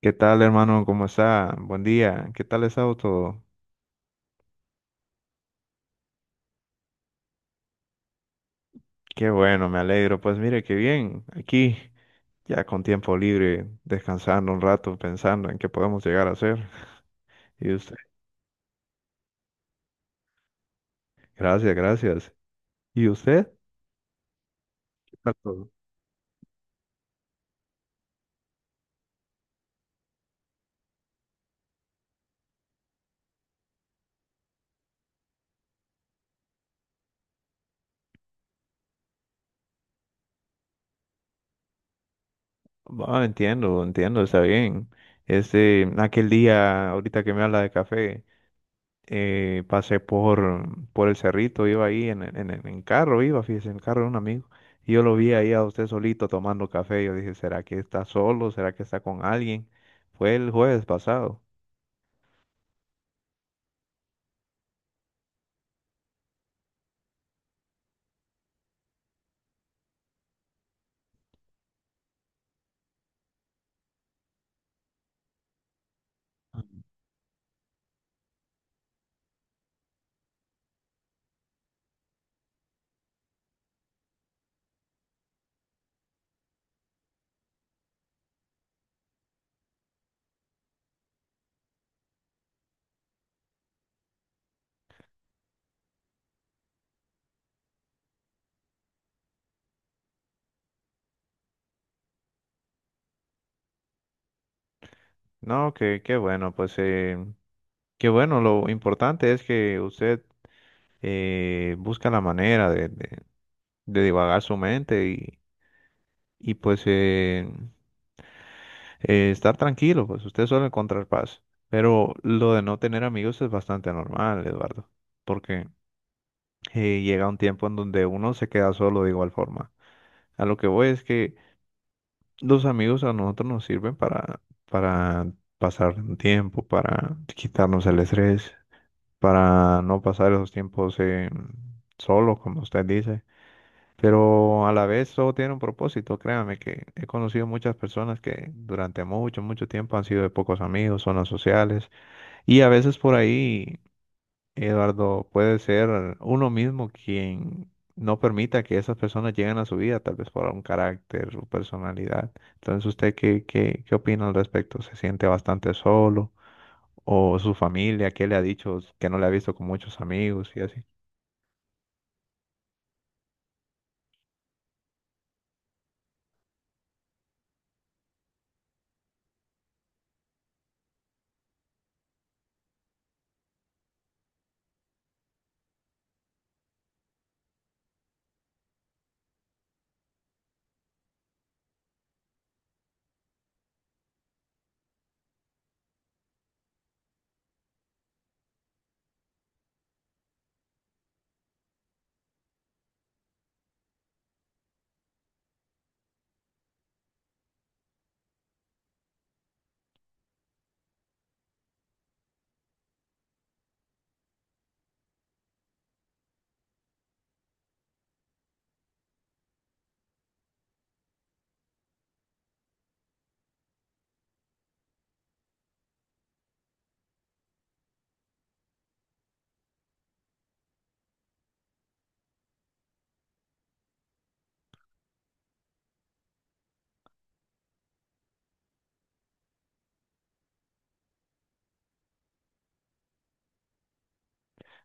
¿Qué tal, hermano? ¿Cómo está? Buen día. ¿Qué tal ha estado todo? Qué bueno, me alegro. Pues mire, qué bien. Aquí, ya con tiempo libre, descansando un rato, pensando en qué podemos llegar a hacer. Y usted, gracias, gracias. ¿Y usted? ¿Qué tal todo? Bueno, entiendo, entiendo, está bien. Este, aquel día, ahorita que me habla de café. Pasé por el cerrito, iba ahí en carro, iba, fíjese, en el carro de un amigo. Y yo lo vi ahí a usted solito tomando café. Yo dije, ¿será que está solo? ¿Será que está con alguien? Fue el jueves pasado. No, que qué bueno, qué bueno. Lo importante es que usted busca la manera de divagar su mente y pues estar tranquilo, pues usted suele encontrar paz. Pero lo de no tener amigos es bastante normal, Eduardo, porque llega un tiempo en donde uno se queda solo de igual forma. A lo que voy es que los amigos a nosotros nos sirven para pasar un tiempo, para quitarnos el estrés, para no pasar esos tiempos solo, como usted dice. Pero a la vez todo tiene un propósito, créame que he conocido muchas personas que durante mucho, mucho tiempo han sido de pocos amigos, zonas sociales, y a veces por ahí, Eduardo, puede ser uno mismo quien no permita que esas personas lleguen a su vida, tal vez por un carácter o personalidad. Entonces, ¿usted qué opina al respecto? ¿Se siente bastante solo? ¿O su familia, qué le ha dicho que no le ha visto con muchos amigos y así?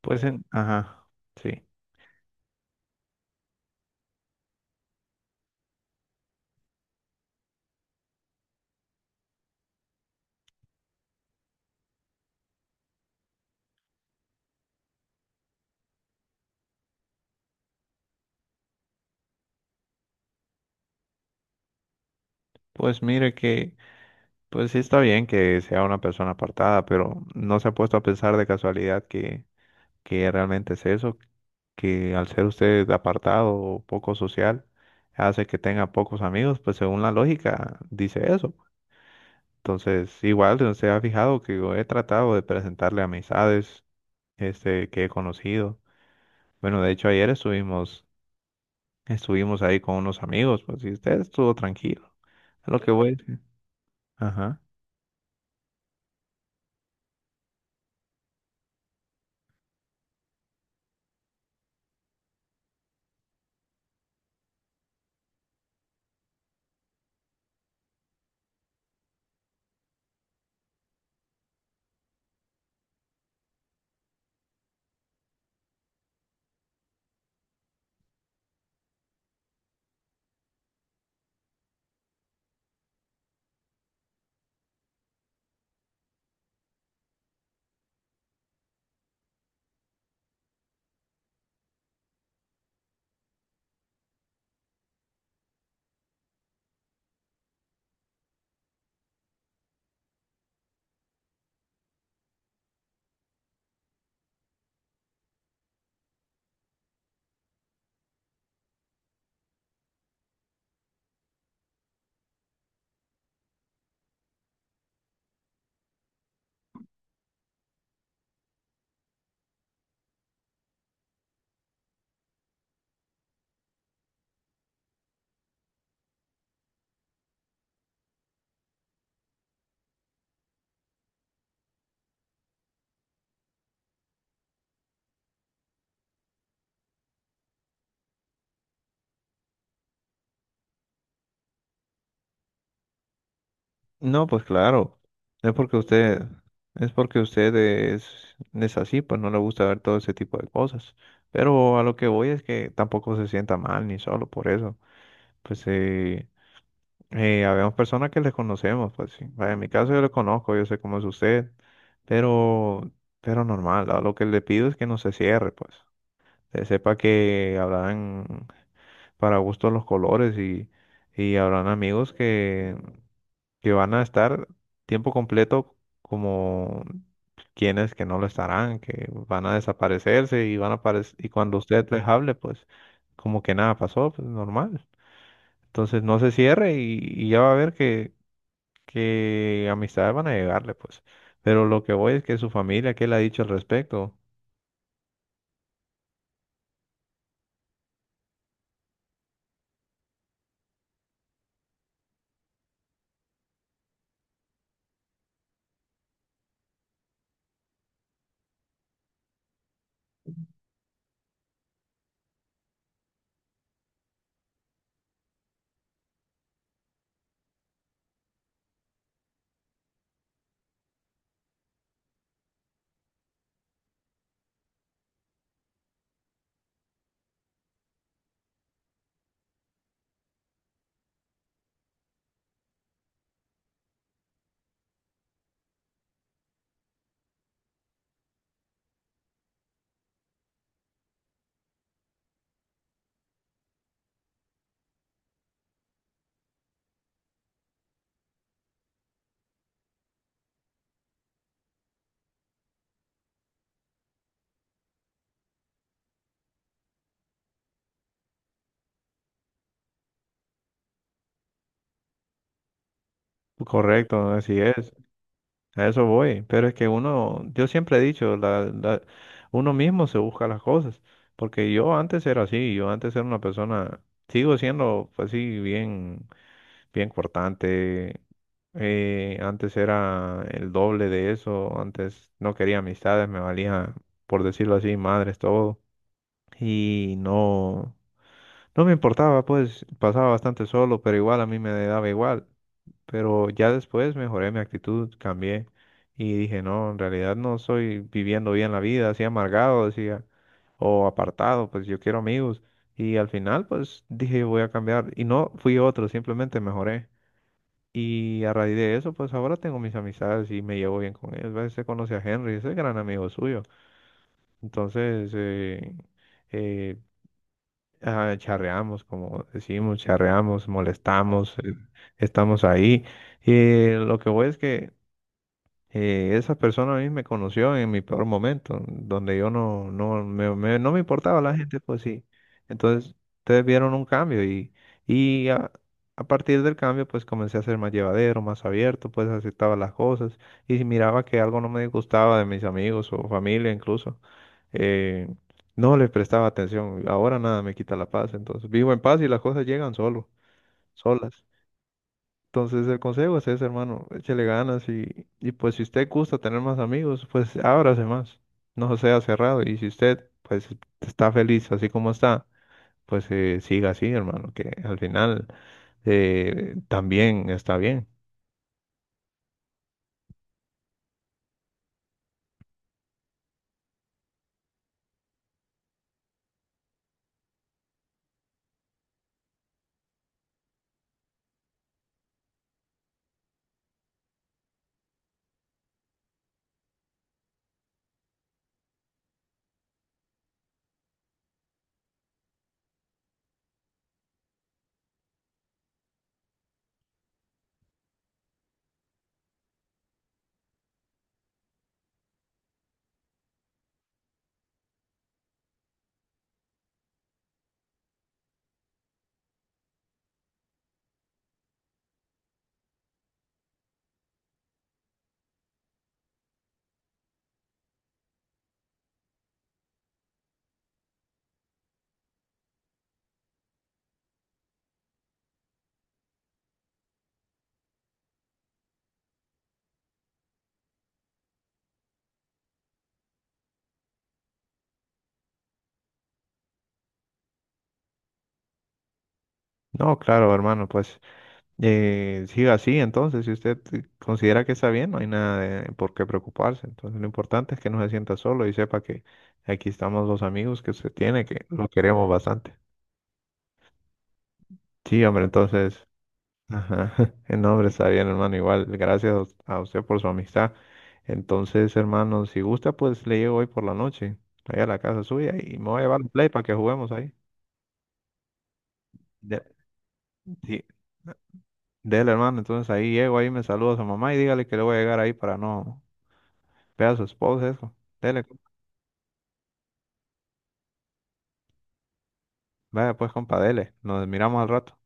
Pues, ajá, sí. Pues mire que... Pues sí está bien que sea una persona apartada, pero no se ha puesto a pensar de casualidad que realmente es eso, que al ser usted apartado o poco social, hace que tenga pocos amigos, pues según la lógica dice eso. Entonces, igual si usted ha fijado que yo he tratado de presentarle amistades este, que he conocido. Bueno, de hecho estuvimos ahí con unos amigos, pues y usted estuvo tranquilo. Es lo que voy a decir. Ajá. No, pues claro. Es porque usted, es porque usted es así, pues no le gusta ver todo ese tipo de cosas. Pero a lo que voy es que tampoco se sienta mal ni solo por eso. Pues habemos personas que les conocemos, pues sí. Vaya, en mi caso yo le conozco, yo sé cómo es usted, pero, pero normal. A lo que le pido es que no se cierre, pues. Que sepa que habrán para gusto los colores y habrán amigos que van a estar tiempo completo como quienes que no lo estarán, que van a desaparecerse y van a aparecer, y cuando usted les hable, pues como que nada pasó, pues normal. Entonces no se cierre y ya va a ver que amistades van a llegarle, pues. Pero lo que voy es que su familia, ¿qué le ha dicho al respecto? Correcto, así es. A eso voy, pero es que uno, yo siempre he dicho, uno mismo se busca las cosas, porque yo antes era así, yo antes era una persona, sigo siendo pues, bien cortante, antes era el doble de eso, antes no quería amistades, me valía, por decirlo así, madres, todo, y no. No me importaba, pues pasaba bastante solo, pero igual a mí me daba igual. Pero ya después mejoré mi actitud, cambié y dije, no, en realidad no estoy viviendo bien la vida, así amargado, decía, o apartado, pues yo quiero amigos. Y al final, pues dije, voy a cambiar. Y no fui otro, simplemente mejoré. Y a raíz de eso, pues ahora tengo mis amistades y me llevo bien con ellos. A veces conoce a Henry, ese es gran amigo suyo. Entonces, eh, charreamos, como decimos, charreamos, molestamos, estamos ahí. Y lo que voy es que esa persona a mí me conoció en mi peor momento, donde yo no me importaba la gente, pues sí. Entonces, ustedes vieron un cambio y a partir del cambio, pues comencé a ser más llevadero, más abierto, pues aceptaba las cosas. Y si miraba que algo no me gustaba de mis amigos o familia incluso. Eh, no le prestaba atención. Ahora nada me quita la paz. Entonces vivo en paz y las cosas llegan solas. Entonces el consejo es ese, hermano. Échele ganas y pues si usted gusta tener más amigos, pues ábrase más. No sea cerrado. Y si usted pues está feliz así como está pues siga así, hermano, que al final también está bien. No, claro, hermano, pues siga así, entonces, si usted considera que está bien, no hay nada de por qué preocuparse. Entonces, lo importante es que no se sienta solo y sepa que aquí estamos los amigos que se tiene, que lo queremos bastante. Sí, hombre, entonces... Ajá. No, hombre, está bien, hermano. Igual, gracias a usted por su amistad. Entonces, hermano, si gusta, pues le llego hoy por la noche, allá a la casa suya y me voy a llevar el play para que juguemos ahí. De, sí, dele, hermano. Entonces ahí llego, ahí me saluda a su mamá y dígale que le voy a llegar ahí para no ver a su esposa, eso. Dele, compa. Vaya pues, compa, dele. Nos miramos al rato.